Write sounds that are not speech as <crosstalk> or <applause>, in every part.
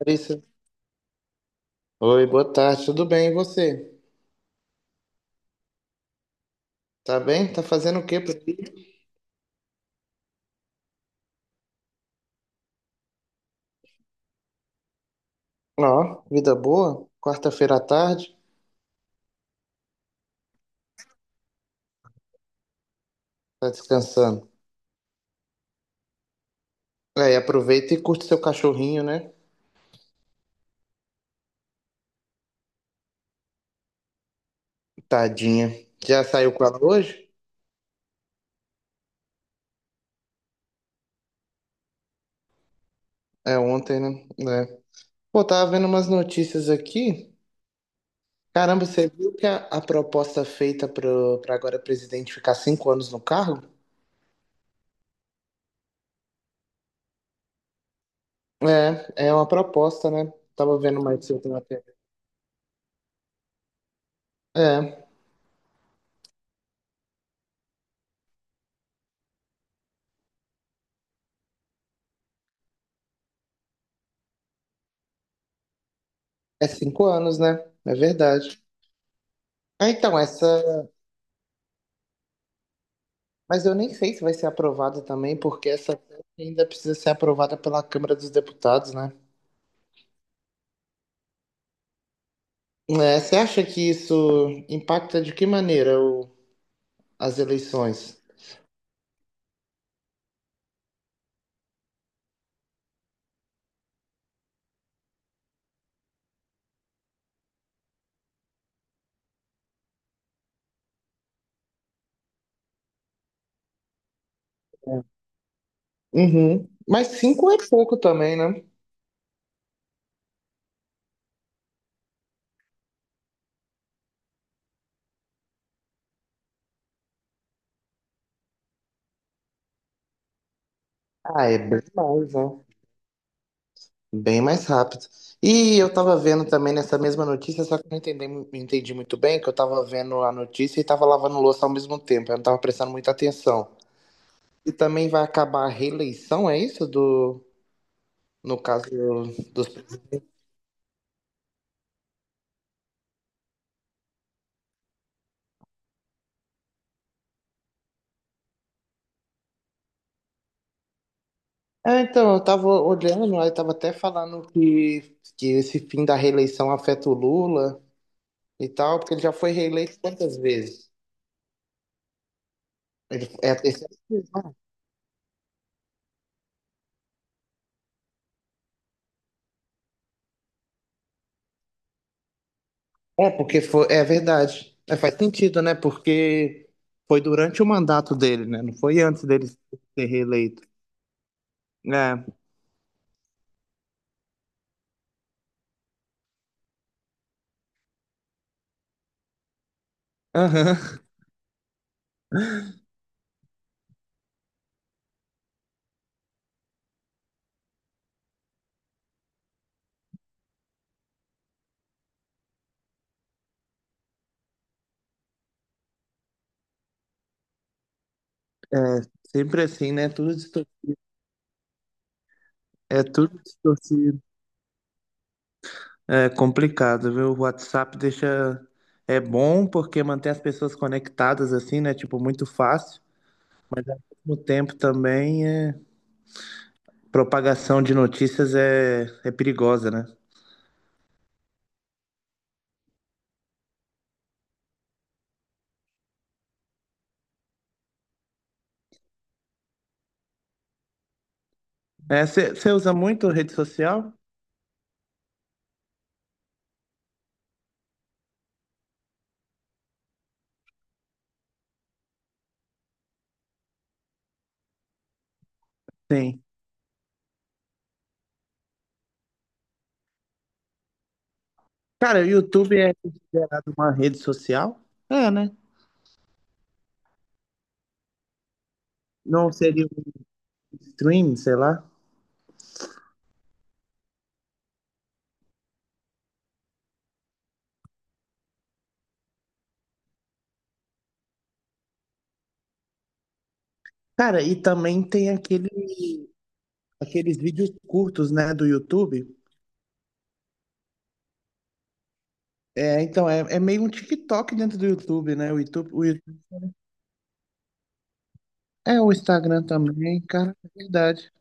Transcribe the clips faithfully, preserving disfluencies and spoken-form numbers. Larissa. Oi, boa tarde, tudo bem? E você? Tá bem? Tá fazendo o quê por aqui? Ó, vida boa? Quarta-feira à tarde? Tá descansando? Aí, aproveita e curte seu cachorrinho, né? Tadinha. Já saiu com ela hoje? É ontem, né? É. Pô, tava vendo umas notícias aqui. Caramba, você viu que a, a proposta feita pro, pra agora presidente ficar cinco anos no cargo? É, é uma proposta, né? Tava vendo mais cedo na tê vê. É, é cinco anos, né? É verdade. Ah, então, essa. Mas eu nem sei se vai ser aprovado também, porque essa PEC ainda precisa ser aprovada pela Câmara dos Deputados, né? É, você acha que isso impacta de que maneira o- as eleições? Uhum. Mas cinco é pouco também, né? Ah, é bem mais, né? Bem mais rápido. E eu tava vendo também nessa mesma notícia, só que eu não entendi, não entendi muito bem, que eu tava vendo a notícia e tava lavando louça ao mesmo tempo, eu não tava prestando muita atenção. E também vai acabar a reeleição, é isso? Do, no caso dos é, então, eu estava olhando, aí estava até falando que, que esse fim da reeleição afeta o Lula e tal, porque ele já foi reeleito quantas vezes? Ele- é a terceira vez, né? É, porque foi, é verdade. É, faz sentido, né? Porque foi durante o mandato dele, né? Não foi antes dele ser reeleito. É, aham. É, sempre assim, né? Tudo distor- é tudo distorcido. É complicado, viu? O WhatsApp deixa. É bom porque mantém as pessoas conectadas assim, né? Tipo, muito fácil. O tempo também é. Propagação de notícias é, é perigosa, né? É, você usa muito rede social? Sim. Cara, o YouTube é considerado uma rede social? É, né? Não seria um stream, sei lá. Cara, e também tem aquele, aqueles vídeos curtos, né, do YouTube. É, então, é, é meio um TikTok dentro do YouTube, né? O YouTube, o, Yu- é o Instagram também, cara, é verdade.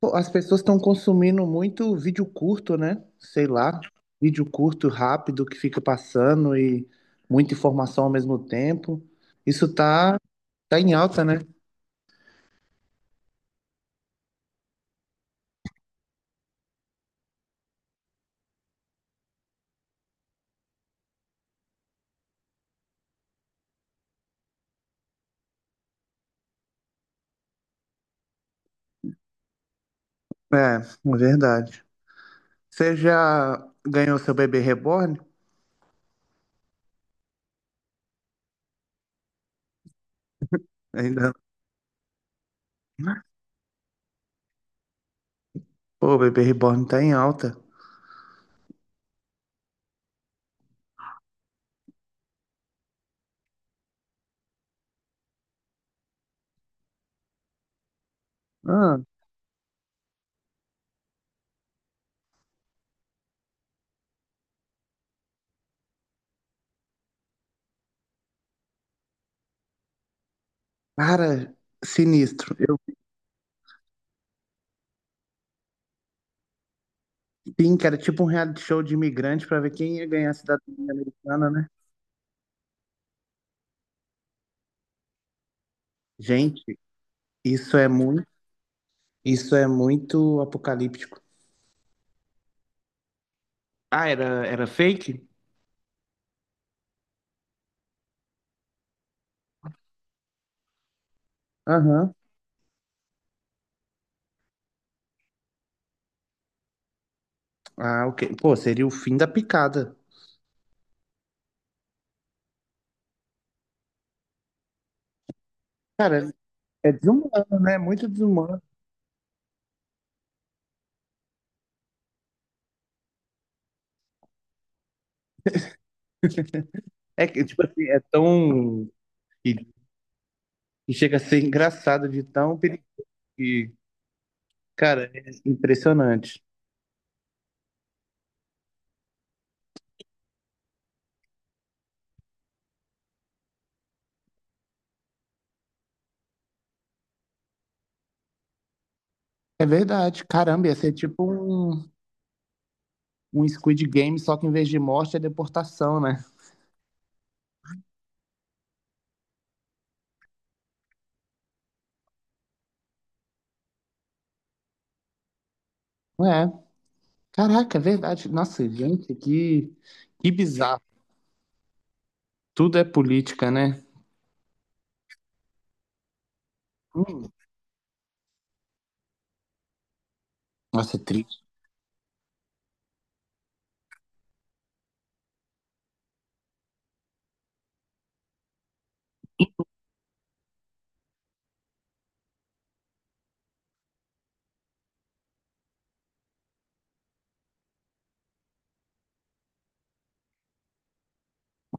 Pô, as pessoas estão consumindo muito vídeo curto, né? Sei lá, vídeo curto, rápido, que fica passando e muita informação ao mesmo tempo. Isso tá, tá em alta, né? É, é verdade. Você já ganhou seu bebê reborn? Ainda. Pô, o bebê reborn tá em alta. Ah, cara, sinistro. Eu sim, que era tipo um reality show de imigrante pra ver quem ia ganhar a cidadania americana, né? Gente, isso é muito, isso é muito apocalíptico. Ah, era, era fake? Aham. Ah, ok. Pô, seria o fim da picada. Cara, é desumano, né? Muito desumano. É que, tipo assim, é tão. E, e chega a ser engraçado de tão perigoso. Cara, é impressionante. É verdade. Caramba, ia ser tipo um, um Squid Game, só que em vez de morte é deportação, né? É. Caraca, é verdade. Nossa, gente, que, que, bizarro. Tudo é política, né? Hum, nossa, é triste.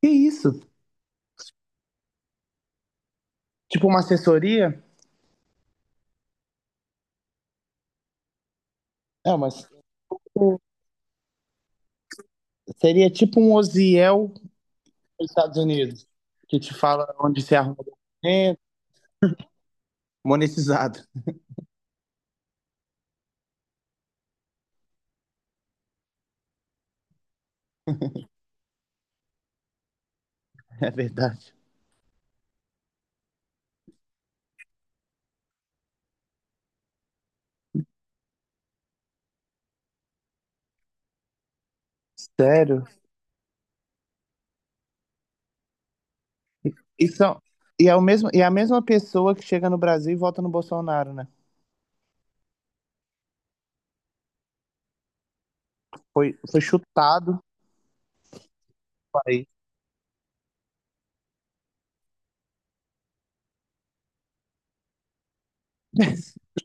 Que isso? Tipo uma assessoria? É, mas tipo, seria tipo um Oziel dos Estados Unidos, que te fala onde se arruma documento, monetizado. <laughs> É verdade. Sério? E, são, e, é o mesmo, e é a mesma pessoa que chega no Brasil e vota no Bolsonaro, né? Foi, foi chutado do país. <laughs>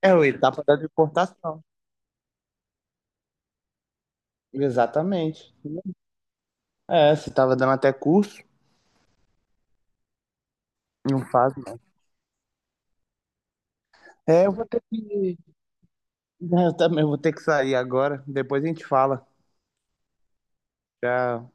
É o etapa da deportação. Exatamente. É, você tava dando até curso, não faz, não. É, eu vou ter que. <laughs> Eu também vou ter que sair agora. Depois a gente fala. Já